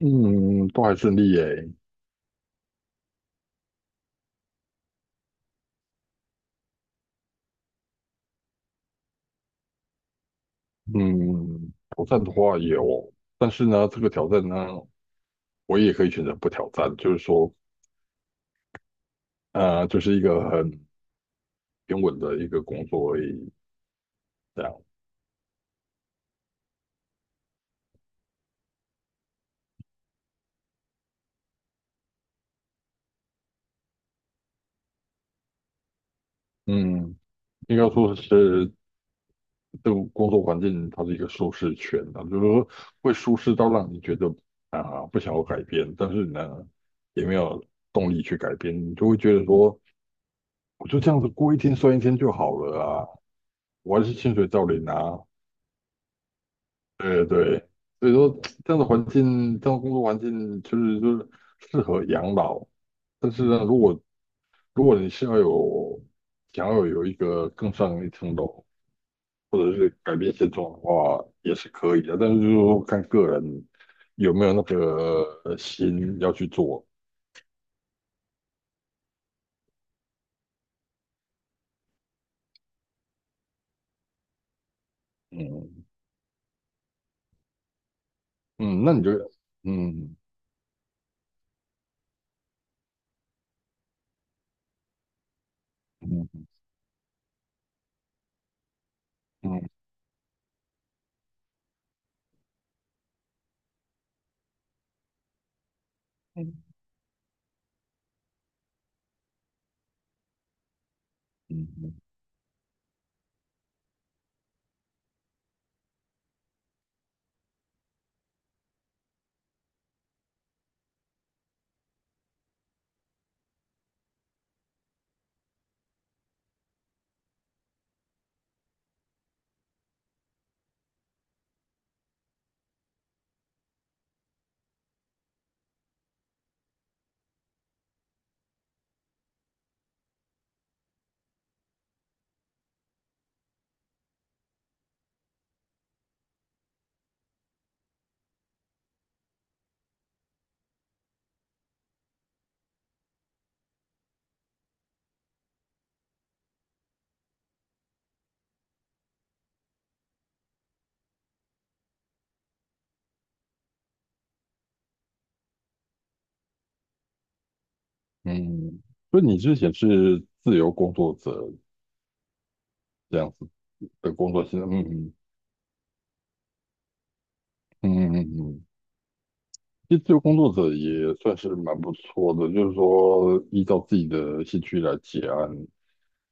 嗯，都还顺利耶。嗯，挑战的话也有，但是呢，这个挑战呢，我也可以选择不挑战，就是说，就是一个很平稳的一个工作而已，这样。嗯，应该说是这个工作环境，它是一个舒适圈啊，就是说会舒适到让你觉得啊、不想要改变，但是呢，也没有动力去改变，你就会觉得说，我就这样子过一天算一天就好了啊，我还是薪水照领啊。对对，所以说这样的环境，这样的工作环境，就是适合养老。但是呢，如果你是想要有一个更上一层楼，或者是改变现状的话，也是可以的。但是就是说看个人有没有那个心要去做。嗯嗯，那你就嗯嗯嗯嗯，嗯嗯，所以你之前是自由工作者这样子的工作性质，嗯嗯嗯嗯嗯。嗯其实自由工作者也算是蛮不错的，就是说依照自己的兴趣来结案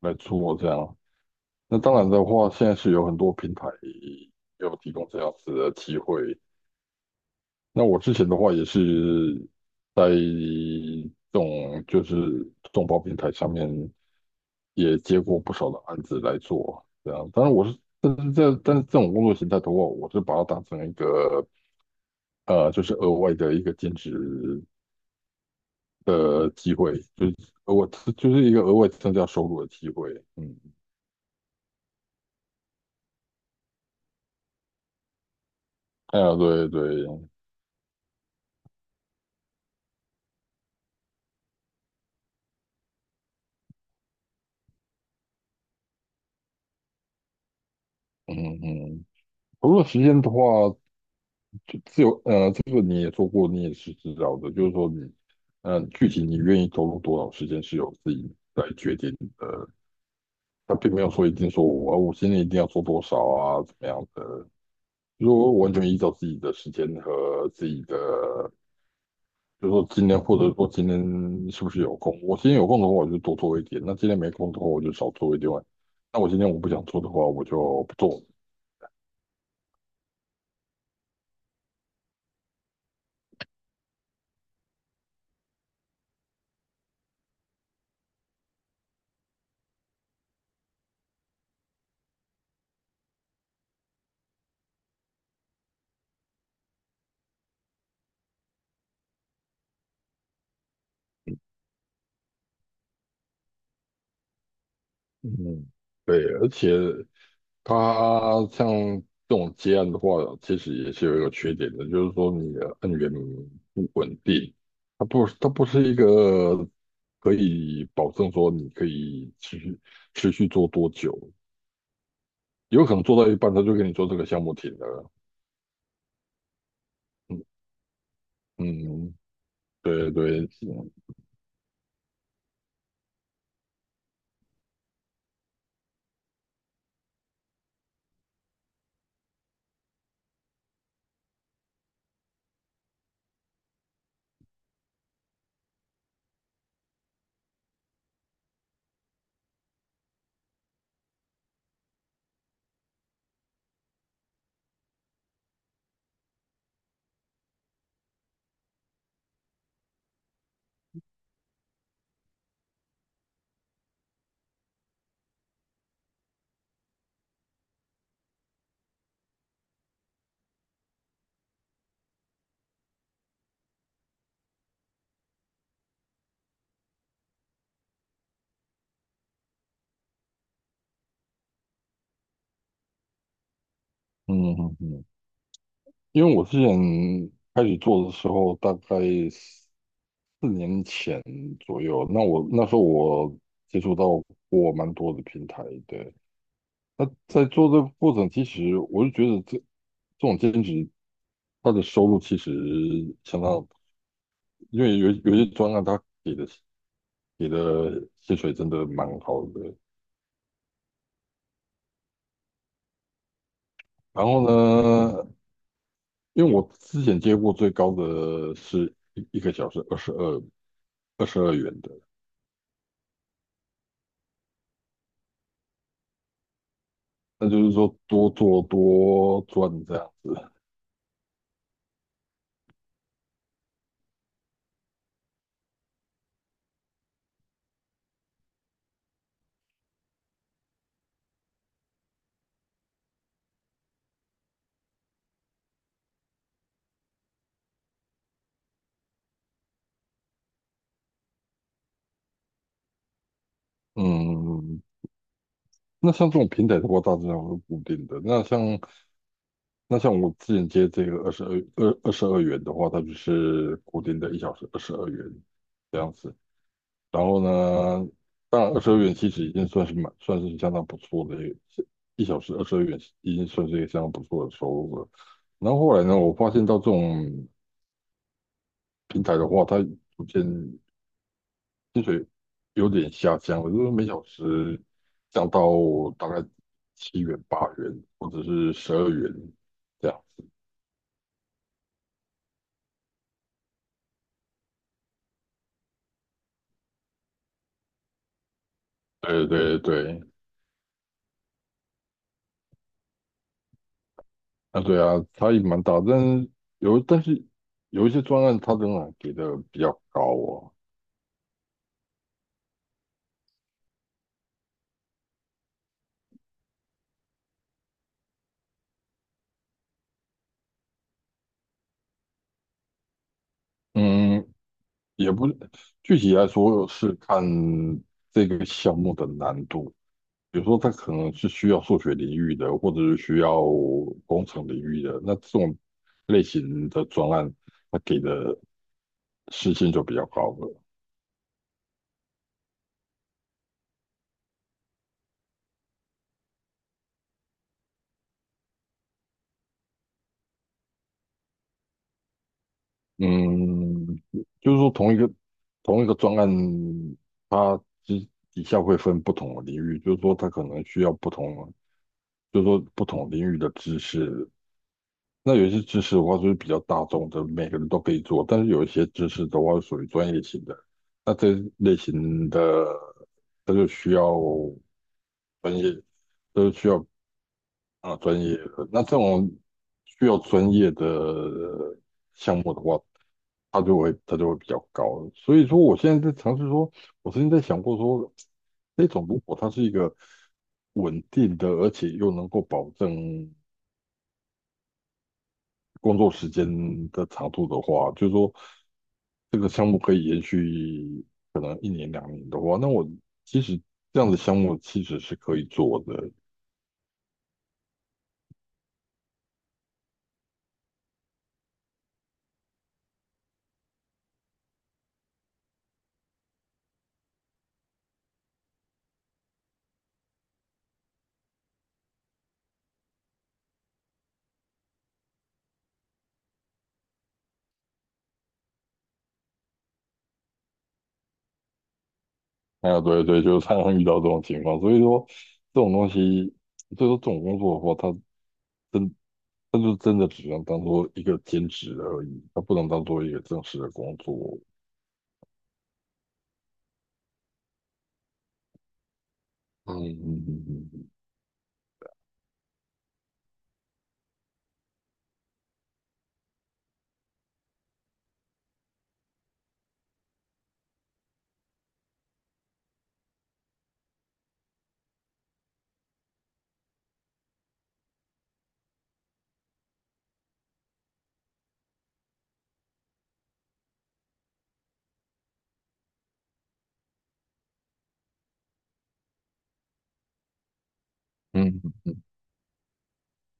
来做这样。那当然的话，现在是有很多平台有提供这样子的机会。那我之前的话也是在这种就是众包平台上面也接过不少的案子来做，这样。当然我是，但是这种工作形态的话，我是把它当成一个就是额外的一个兼职的机会，就是我就是一个额外增加收入的机会。嗯，哎呀，对对，嗯嗯，投入时间的话，就自由，这个你也做过，你也是知道的，就是说你，具体你愿意投入多少时间是由自己来决定的，他并没有说一定说我啊我现在一定要做多少啊，怎么样的，如果完全依照自己的时间和自己的。就如说今天，或者说今天是不是有空？我今天有空的话，我就多做一点；那今天没空的话，我就少做一点。那我今天我不想做的话，我就不做。嗯，对，而且它像这种接案的话，其实也是有一个缺点的，就是说你的案源不稳定，它不是一个可以保证说你可以持续做多久，有可能做到一半他就跟你做这个项目停了。嗯嗯，对对，嗯嗯嗯嗯，因为我之前开始做的时候，大概4年前左右，那我那时候我接触到过蛮多的平台，对。那在做这个过程，其实我就觉得这种兼职，它的收入其实相当，因为有些专案他给的薪水真的蛮好的。然后呢，因为我之前接过最高的是一个小时二十二元的。那就是说多做多赚这样子。嗯，那像这种平台的话，大致上是固定的。那像我之前接这个二十二元的话，它就是固定的一小时二十二元这样子。然后呢，当然二十二元其实已经算是算是相当不错的一小时二十二元已经算是一个相当不错的收入了。然后后来呢，我发现到这种平台的话，它逐渐薪水有点下降了，就是每小时降到大概7元、8元，或者是十二元这样。对对对，啊对啊，差异蛮大，但是有一些专案，它仍然给的比较高哦。嗯，也不是具体来说是看这个项目的难度，比如说它可能是需要数学领域的，或者是需要工程领域的，那这种类型的专案，它给的事情就比较高了。嗯，就是说同一个专案，它之底下会分不同的领域，就是说它可能需要不同，就是说不同领域的知识。那有一些知识的话就是比较大众的，每个人都可以做，但是有一些知识的话是属于专业型的，那这类型的它就需要专业，都需要啊，专业的。那这种需要专业的项目的话，它就会比较高。所以说，我现在在尝试说，我曾经在想过说，这种如果它是一个稳定的，而且又能够保证工作时间的长度的话，就是说这个项目可以延续可能1年2年的话，那我其实这样的项目其实是可以做的。哎呀，对对，就是常常遇到这种情况，所以说这种东西，所以说这种工作的话，真，它就真的只能当做一个兼职而已，它不能当做一个正式的工作。嗯，嗯嗯嗯嗯，嗯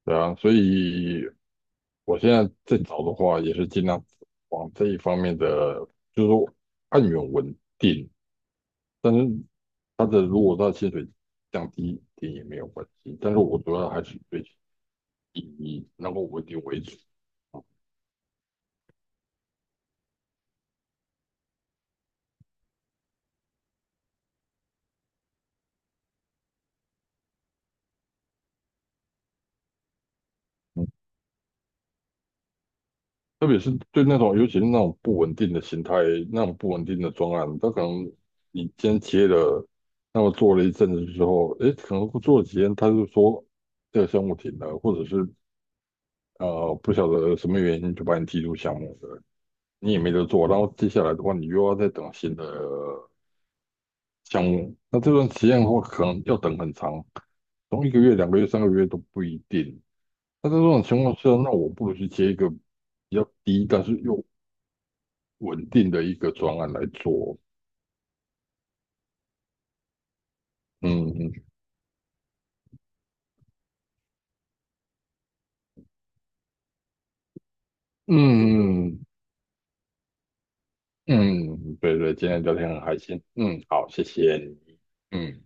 对啊，所以我现在在找的话，也是尽量往这一方面的，就是说按源稳定，但是它的如果它的薪水降低一点也没有关系，但是我主要还是追以意义，能够稳定为主。特别是对那种，尤其是那种不稳定的形态、那种不稳定的专案，他可能你今天接了，那么做了一阵子之后，诶，可能做了几天，他就说这个项目停了，或者是不晓得什么原因就把你踢出项目了，你也没得做。然后接下来的话，你又要再等新的项目，那这段时间的话，可能要等很长，从1个月、2个月、3个月都不一定。那在这种情况下，那我不如去接一个比较低，但是又稳定的一个专案来做。嗯嗯嗯嗯，对对，今天聊天很开心。嗯，好，谢谢你。嗯。